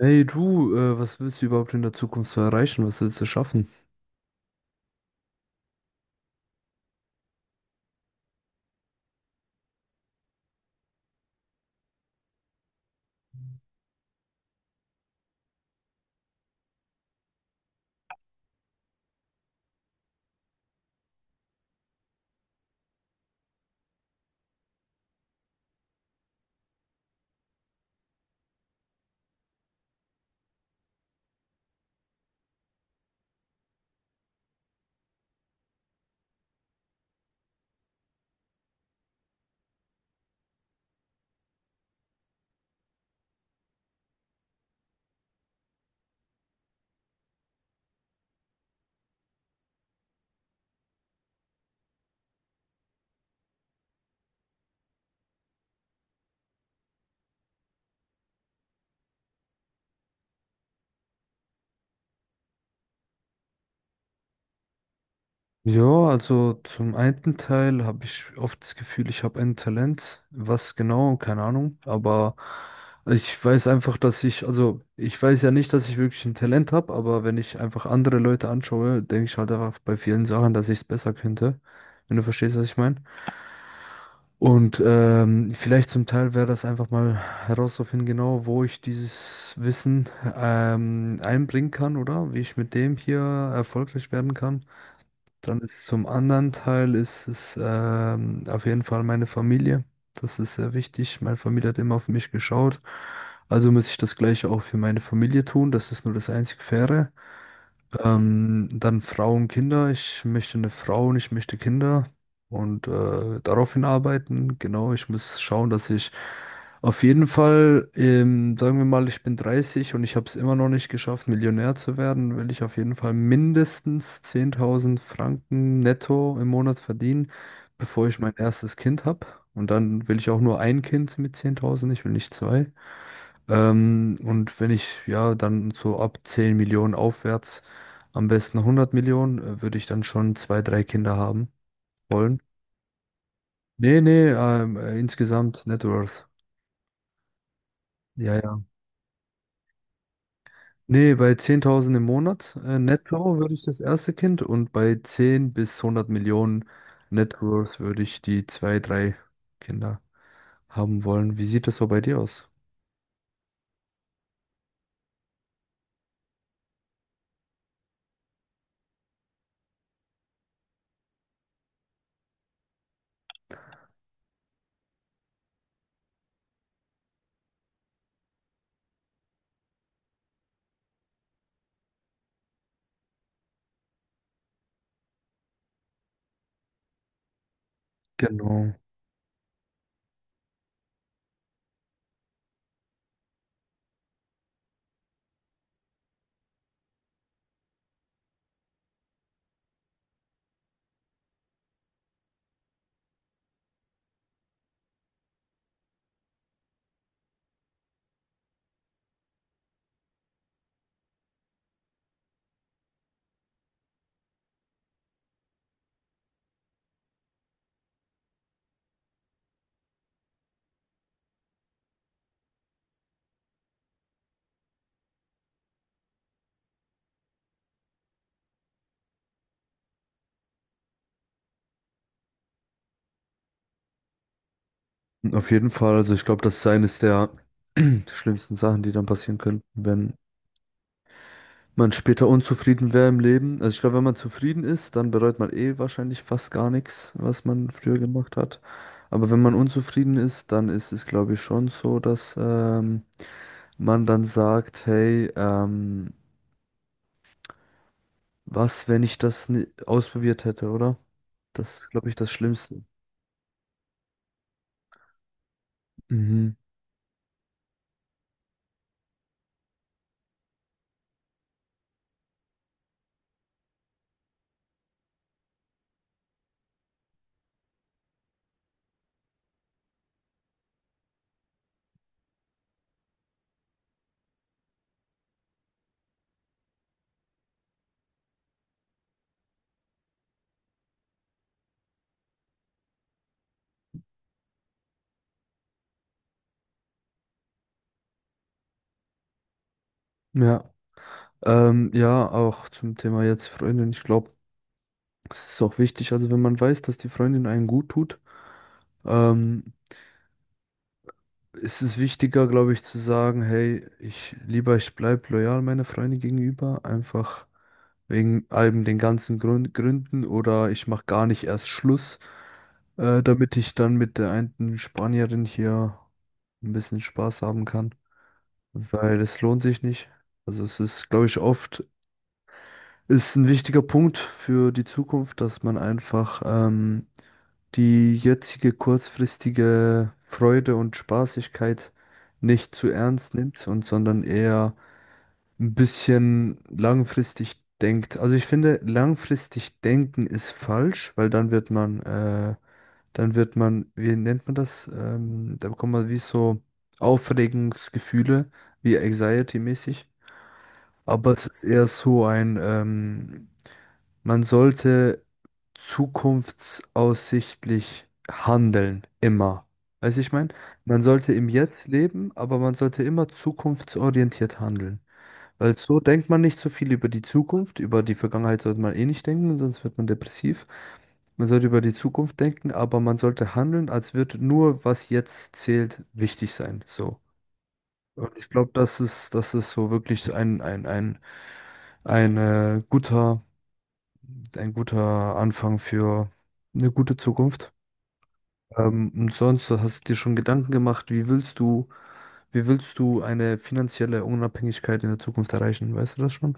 Hey du, was willst du überhaupt in der Zukunft so erreichen? Was willst du schaffen? Ja, also zum einen Teil habe ich oft das Gefühl, ich habe ein Talent. Was genau, keine Ahnung. Aber ich weiß einfach, also ich weiß ja nicht, dass ich wirklich ein Talent habe, aber wenn ich einfach andere Leute anschaue, denke ich halt einfach bei vielen Sachen, dass ich es besser könnte. Wenn du verstehst, was ich meine. Und vielleicht zum Teil wäre das einfach mal herauszufinden, genau wo ich dieses Wissen einbringen kann, oder wie ich mit dem hier erfolgreich werden kann. Dann ist zum anderen Teil ist es auf jeden Fall meine Familie. Das ist sehr wichtig. Meine Familie hat immer auf mich geschaut. Also muss ich das Gleiche auch für meine Familie tun. Das ist nur das einzig Faire. Dann Frauen, Kinder. Ich möchte eine Frau und ich möchte Kinder und daraufhin arbeiten. Genau, ich muss schauen, dass ich auf jeden Fall, sagen wir mal, ich bin 30 und ich habe es immer noch nicht geschafft, Millionär zu werden, will ich auf jeden Fall mindestens 10.000 Franken netto im Monat verdienen, bevor ich mein erstes Kind habe. Und dann will ich auch nur ein Kind mit 10.000, ich will nicht zwei. Und wenn ich ja dann so ab 10 Millionen aufwärts, am besten 100 Millionen, würde ich dann schon zwei, drei Kinder haben wollen. Nee, nee, insgesamt Net Worth. Ja, ja. Nee, bei 10.000 im Monat netto würde ich das erste Kind und bei 10 bis 100 Millionen Net Worth würde ich die zwei, drei Kinder haben wollen. Wie sieht das so bei dir aus? Genau. Auf jeden Fall, also ich glaube, das ist eines der schlimmsten Sachen, die dann passieren können, wenn man später unzufrieden wäre im Leben. Also ich glaube, wenn man zufrieden ist, dann bereut man eh wahrscheinlich fast gar nichts, was man früher gemacht hat. Aber wenn man unzufrieden ist, dann ist es, glaube ich, schon so, dass man dann sagt, hey, was, wenn ich das ausprobiert hätte, oder? Das ist, glaube ich, das Schlimmste. Mhm. Ja. Ja, auch zum Thema jetzt Freundin. Ich glaube, es ist auch wichtig, also wenn man weiß, dass die Freundin einen gut tut, ähm, ist es wichtiger, glaube ich, zu sagen, hey, ich bleib loyal meiner Freundin gegenüber, einfach wegen allem den ganzen Gründen oder ich mache gar nicht erst Schluss, damit ich dann mit der einen Spanierin hier ein bisschen Spaß haben kann, weil es lohnt sich nicht. Also es ist, glaube ich, oft ist ein wichtiger Punkt für die Zukunft, dass man einfach die jetzige kurzfristige Freude und Spaßigkeit nicht zu ernst nimmt und sondern eher ein bisschen langfristig denkt. Also ich finde, langfristig denken ist falsch, weil dann wird man, wie nennt man das? Da bekommt man wie so Aufregungsgefühle, wie Anxiety-mäßig. Aber es ist eher so ein, man sollte zukunftsaussichtlich handeln, immer. Weiß ich mein? Man sollte im Jetzt leben, aber man sollte immer zukunftsorientiert handeln. Weil so denkt man nicht so viel über die Zukunft, über die Vergangenheit sollte man eh nicht denken, sonst wird man depressiv. Man sollte über die Zukunft denken, aber man sollte handeln, als würde nur, was jetzt zählt, wichtig sein. So. Und ich glaube, das ist so wirklich so ein äh, guter ein guter Anfang für eine gute Zukunft. Und sonst hast du dir schon Gedanken gemacht, wie willst du eine finanzielle Unabhängigkeit in der Zukunft erreichen? Weißt du das schon?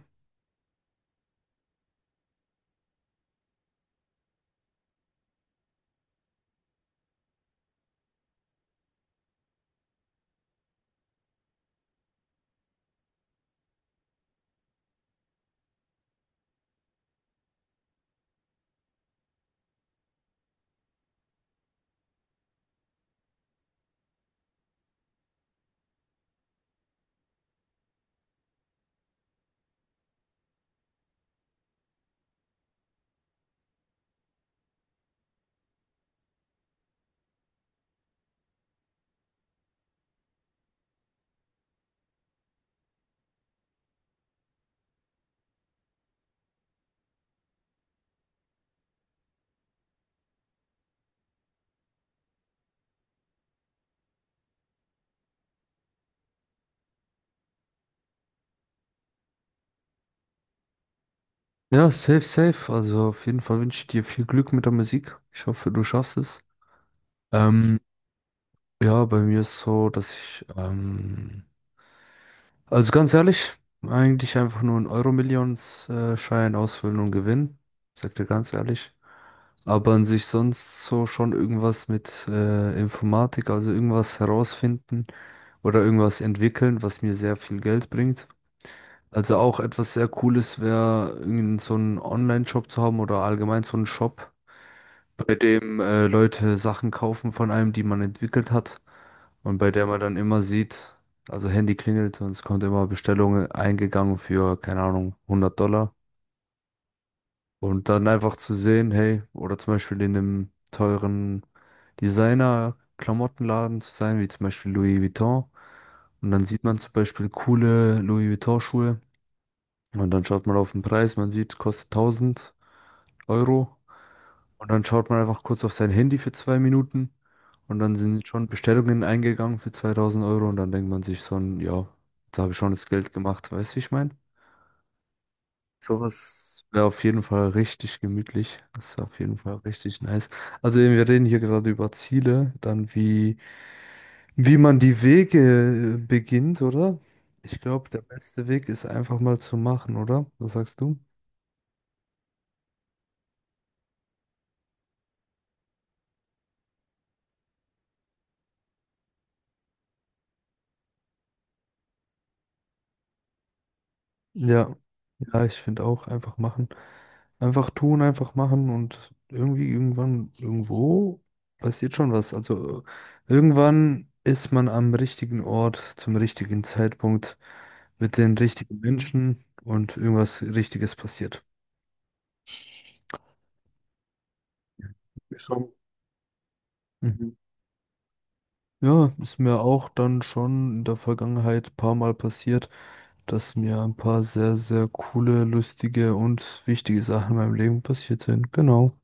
Ja, safe, safe. Also auf jeden Fall wünsche ich dir viel Glück mit der Musik. Ich hoffe, du schaffst es. Ähm, ja, bei mir ist so, also ganz ehrlich, eigentlich einfach nur einen Euro-Millions-Schein ausfüllen und gewinnen. Sag dir ganz ehrlich. Aber an sich sonst so schon irgendwas mit Informatik, also irgendwas herausfinden oder irgendwas entwickeln, was mir sehr viel Geld bringt. Also auch etwas sehr Cooles wäre, irgend so einen Online-Shop zu haben oder allgemein so einen Shop, bei dem Leute Sachen kaufen von einem, die man entwickelt hat und bei der man dann immer sieht, also Handy klingelt und es kommt immer Bestellungen eingegangen für, keine Ahnung, $100. Und dann einfach zu sehen, hey, oder zum Beispiel in einem teuren Designer-Klamottenladen zu sein, wie zum Beispiel Louis Vuitton. Und dann sieht man zum Beispiel coole Louis Vuitton-Schuhe. Und dann schaut man auf den Preis, man sieht, kostet 1000 Euro. Und dann schaut man einfach kurz auf sein Handy für 2 Minuten. Und dann sind schon Bestellungen eingegangen für 2000 Euro. Und dann denkt man sich so, ja, jetzt habe ich schon das Geld gemacht. Weißt du, wie ich meine? Sowas wäre auf jeden Fall richtig gemütlich. Das wäre auf jeden Fall richtig nice. Also eben, wir reden hier gerade über Ziele, dann wie man die Wege beginnt, oder? Ich glaube, der beste Weg ist einfach mal zu machen, oder? Was sagst du? Ja, ja, ich finde auch einfach machen. Einfach tun, einfach machen und irgendwie irgendwann, irgendwo passiert schon was. Also irgendwann ist man am richtigen Ort, zum richtigen Zeitpunkt, mit den richtigen Menschen und irgendwas Richtiges passiert. Schon. Mhm. Ja, ist mir auch dann schon in der Vergangenheit ein paar Mal passiert, dass mir ein paar sehr, sehr coole, lustige und wichtige Sachen in meinem Leben passiert sind. Genau.